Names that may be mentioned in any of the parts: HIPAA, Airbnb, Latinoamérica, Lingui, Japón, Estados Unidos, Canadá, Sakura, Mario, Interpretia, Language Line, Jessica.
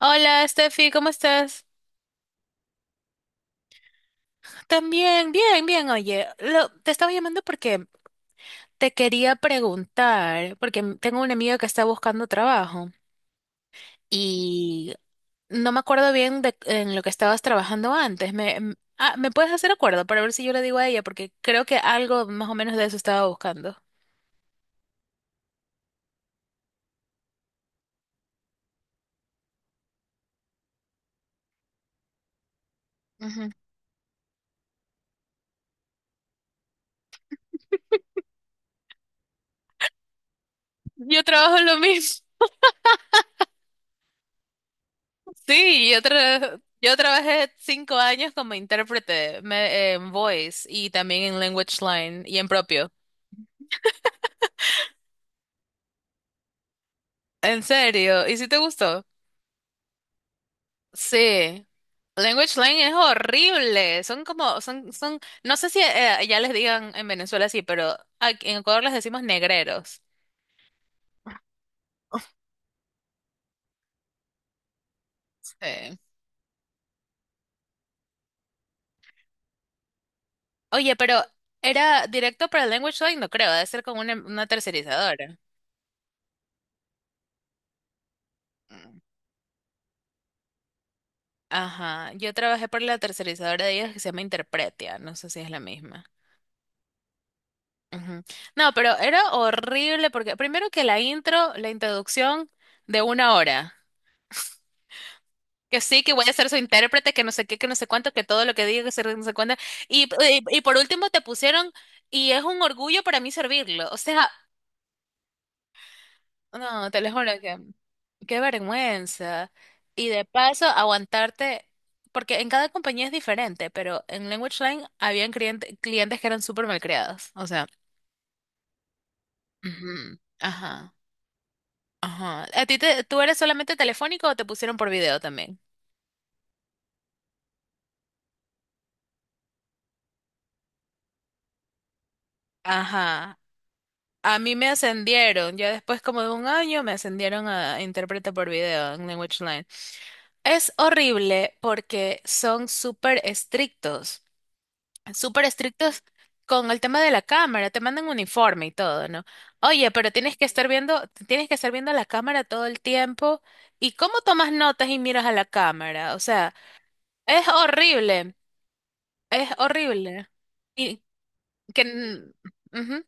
Hola, Steffi, ¿cómo estás? También, bien, bien. Oye, te estaba llamando porque te quería preguntar, porque tengo una amiga que está buscando trabajo y no me acuerdo bien de en lo que estabas trabajando antes. ¿Me puedes hacer acuerdo para ver si yo le digo a ella? Porque creo que algo más o menos de eso estaba buscando. Ujú. Yo trabajo en lo mismo. Sí, yo trabajé 5 años como intérprete en voice y también en language line y en propio. En serio, ¿y si te gustó? Sí. Language Lane es horrible. Son como, no sé si ya les digan en Venezuela así, pero aquí en Ecuador les decimos negreros. Sí. Oye, pero ¿era directo para Language line? No creo, debe ser con una tercerizadora. Mm. Ajá, yo trabajé por la tercerizadora de ellos que se llama Interpretia, no sé si es la misma. Ujú. No, pero era horrible porque primero que la introducción de una hora. Que sí, que voy a ser su intérprete, que no sé qué, que no sé cuánto, que todo lo que diga, no sé cuánto. Y por último te pusieron, y es un orgullo para mí servirlo. O sea, no, te lo juro que qué vergüenza. Y de paso, aguantarte, porque en cada compañía es diferente, pero en Language Line habían clientes que eran súper malcriados. O sea, ujú, ajá, ajá. ¿A ti te, tú eres solamente telefónico o te pusieron por video también? Ajá, a mí me ascendieron, ya después como de un año me ascendieron a intérprete por video en Language Line. Es horrible porque son súper estrictos con el tema de la cámara, te mandan uniforme y todo, ¿no? Oye, pero tienes que estar viendo, tienes que estar viendo la cámara todo el tiempo. ¿Y cómo tomas notas y miras a la cámara? O sea, es horrible, es horrible. Y que, n- ujú.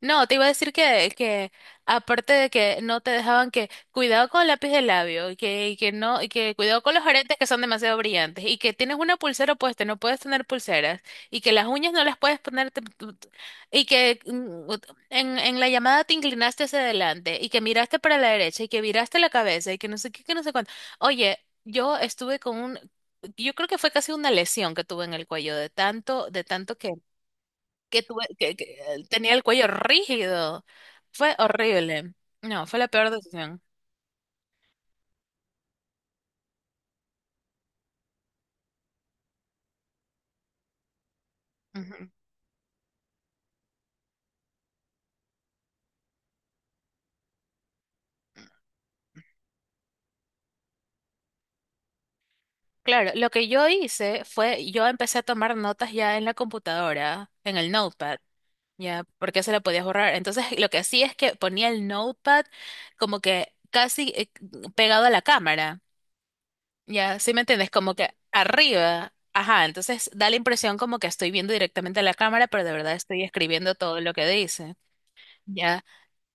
No, te iba a decir que, aparte de que no te dejaban, que cuidado con el lápiz de labio y que no, y que cuidado con los aretes que son demasiado brillantes y que tienes una pulsera puesta, no puedes tener pulseras y que las uñas no las puedes poner y que en la llamada te inclinaste hacia adelante y que miraste para la derecha y que viraste la cabeza y que no sé qué, que no sé cuánto. Oye, yo estuve con un, yo creo que fue casi una lesión que tuve en el cuello de tanto que tenía el cuello rígido. Fue horrible. No, fue la peor decisión. Ujú. Claro, lo que yo hice fue, yo empecé a tomar notas ya en la computadora, en el notepad, ya, porque se la podía borrar. Entonces, lo que hacía es que ponía el notepad como que casi pegado a la cámara, ya, ¿sí me entiendes? Como que arriba, ajá, entonces da la impresión como que estoy viendo directamente a la cámara, pero de verdad estoy escribiendo todo lo que dice. Ya,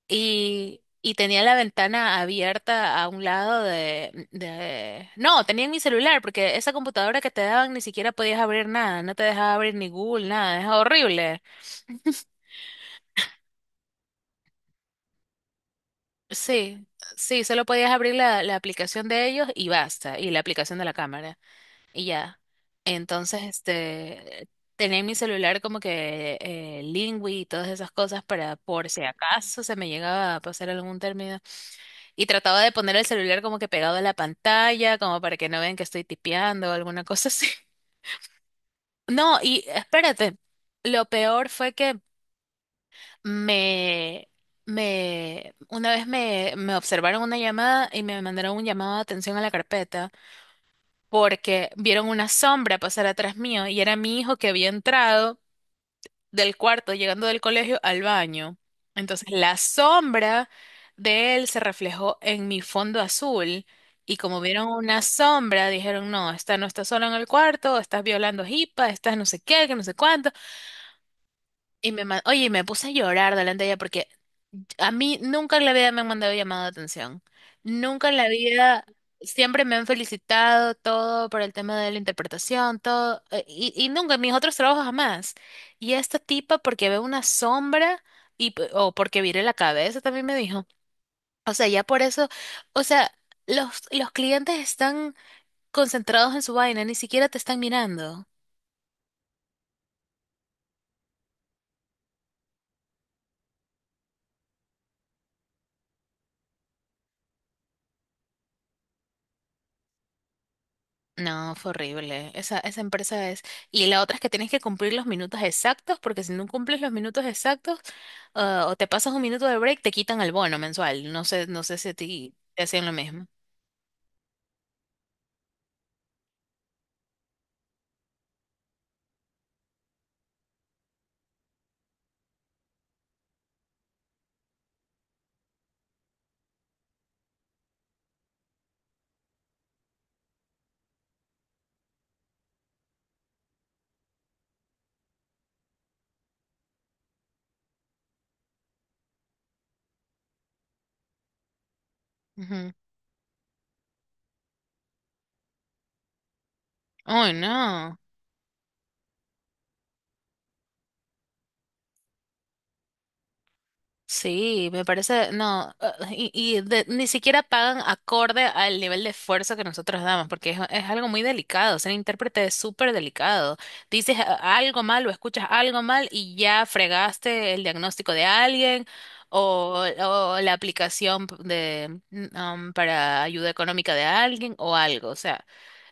y tenía la ventana abierta a un lado No, tenía en mi celular, porque esa computadora que te daban ni siquiera podías abrir nada, no te dejaba abrir ni Google, nada, es horrible. Sí, sí, solo podías abrir la aplicación de ellos y basta, y la aplicación de la cámara, y ya. Entonces, este, tenía en mi celular como que Lingui y todas esas cosas para por si acaso se me llegaba a pasar algún término. Y trataba de poner el celular como que pegado a la pantalla, como para que no vean que estoy tipeando o alguna cosa así. No, y espérate, lo peor fue que me, una vez me observaron una llamada y me mandaron un llamado de atención a la carpeta porque vieron una sombra pasar atrás mío y era mi hijo que había entrado del cuarto, llegando del colegio al baño. Entonces la sombra de él se reflejó en mi fondo azul y como vieron una sombra, dijeron, no, esta no está sola en el cuarto, estás violando hipa, estás no sé qué, que no sé cuánto. Y oye, y me puse a llorar delante de ella porque a mí nunca en la vida me han mandado llamada de atención. Nunca en la vida, siempre me han felicitado todo por el tema de la interpretación, todo. Y nunca en mis otros trabajos jamás. Y esta tipa porque ve una sombra o porque viré la cabeza también me dijo. O sea, ya por eso, o sea, los clientes están concentrados en su vaina, ni siquiera te están mirando. No, fue horrible. Esa empresa es... Y la otra es que tienes que cumplir los minutos exactos, porque si no cumples los minutos exactos, o te pasas un minuto de break, te quitan el bono mensual. No sé, no sé si a ti te hacían lo mismo. Ujú. Ay, no. Sí, me parece, no, ni siquiera pagan acorde al nivel de esfuerzo que nosotros damos, porque es algo muy delicado, ser intérprete es súper delicado. Dices algo mal o escuchas algo mal y ya fregaste el diagnóstico de alguien o la aplicación de, para ayuda económica de alguien o algo, o sea,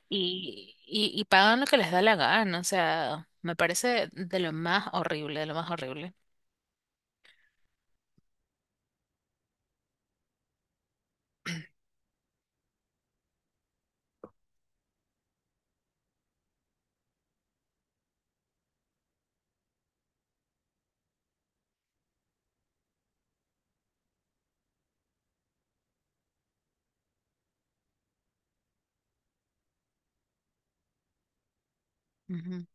y pagan lo que les da la gana, o sea, me parece de lo más horrible, de lo más horrible. Ujú.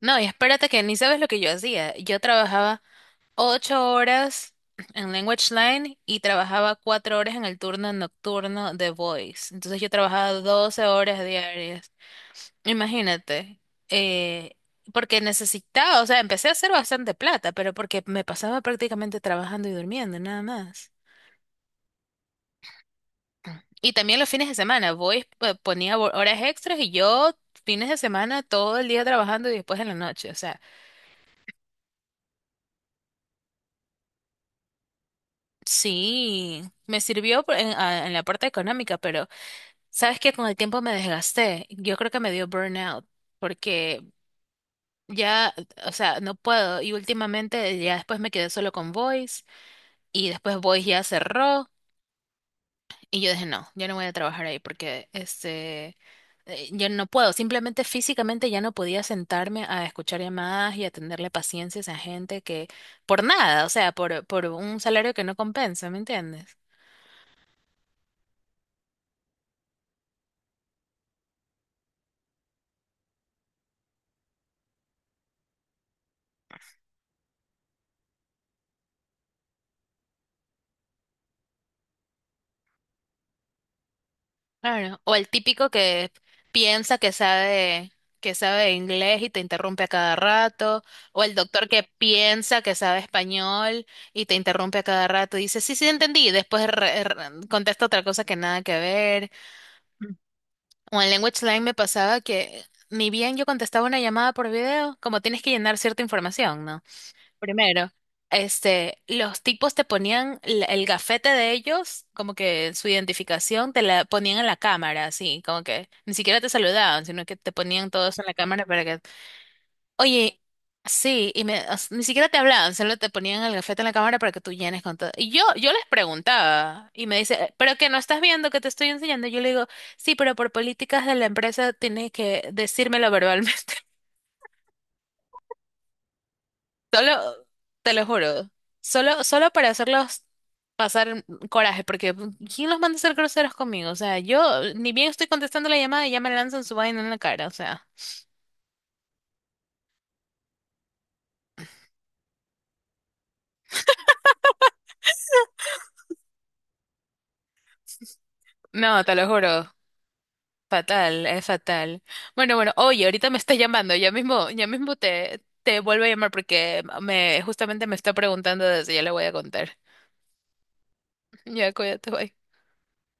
No, y espérate que ni sabes lo que yo hacía. Yo trabajaba 8 horas en Language Line y trabajaba 4 horas en el turno nocturno de Voice. Entonces yo trabajaba 12 horas diarias. Imagínate. eh, Porque necesitaba, o sea, empecé a hacer bastante plata, pero porque me pasaba prácticamente trabajando y durmiendo, nada más. Y también los fines de semana, Voice pues, ponía horas extras y yo fines de semana todo el día trabajando y después en la noche, o sea. Sí, me sirvió en la parte económica, pero sabes que con el tiempo me desgasté. Yo creo que me dio burnout porque ya, o sea, no puedo. Y últimamente ya después me quedé solo con Voice y después Voice ya cerró y yo dije, no, yo no voy a trabajar ahí porque yo no puedo. Simplemente físicamente ya no podía sentarme a escuchar llamadas y a tenerle paciencia a esa gente que por nada, o sea, por un salario que no compensa, ¿me entiendes? Claro. O el típico que piensa que sabe inglés y te interrumpe a cada rato. O el doctor que piensa que sabe español y te interrumpe a cada rato. Y dice, sí, sí, entendí. Y después contesta otra cosa que nada que ver. O en Language Line me pasaba que ni bien yo contestaba una llamada por video, como tienes que llenar cierta información, ¿no? Primero, los tipos te ponían el gafete de ellos, como que su identificación te la ponían en la cámara, así, como que ni siquiera te saludaban, sino que te ponían todos en la cámara para que, oye, sí, o sea, ni siquiera te hablaban, solo te ponían el gafete en la cámara para que tú llenes con todo. Y yo les preguntaba, y me dice, pero que no estás viendo que te estoy enseñando". Yo le digo, sí, pero por políticas de la empresa tienes que decírmelo verbalmente. Solo, te lo juro, solo para hacerlos pasar coraje, porque ¿quién los manda a ser groseros conmigo? O sea, yo ni bien estoy contestando la llamada y ya me lanzan su vaina en la cara, o sea. No, te lo juro, fatal, es fatal. Bueno, bueno, oye, ahorita me está llamando, ya mismo te vuelvo a llamar porque justamente me está preguntando, desde ya le voy a contar. Ya, cuídate, bye.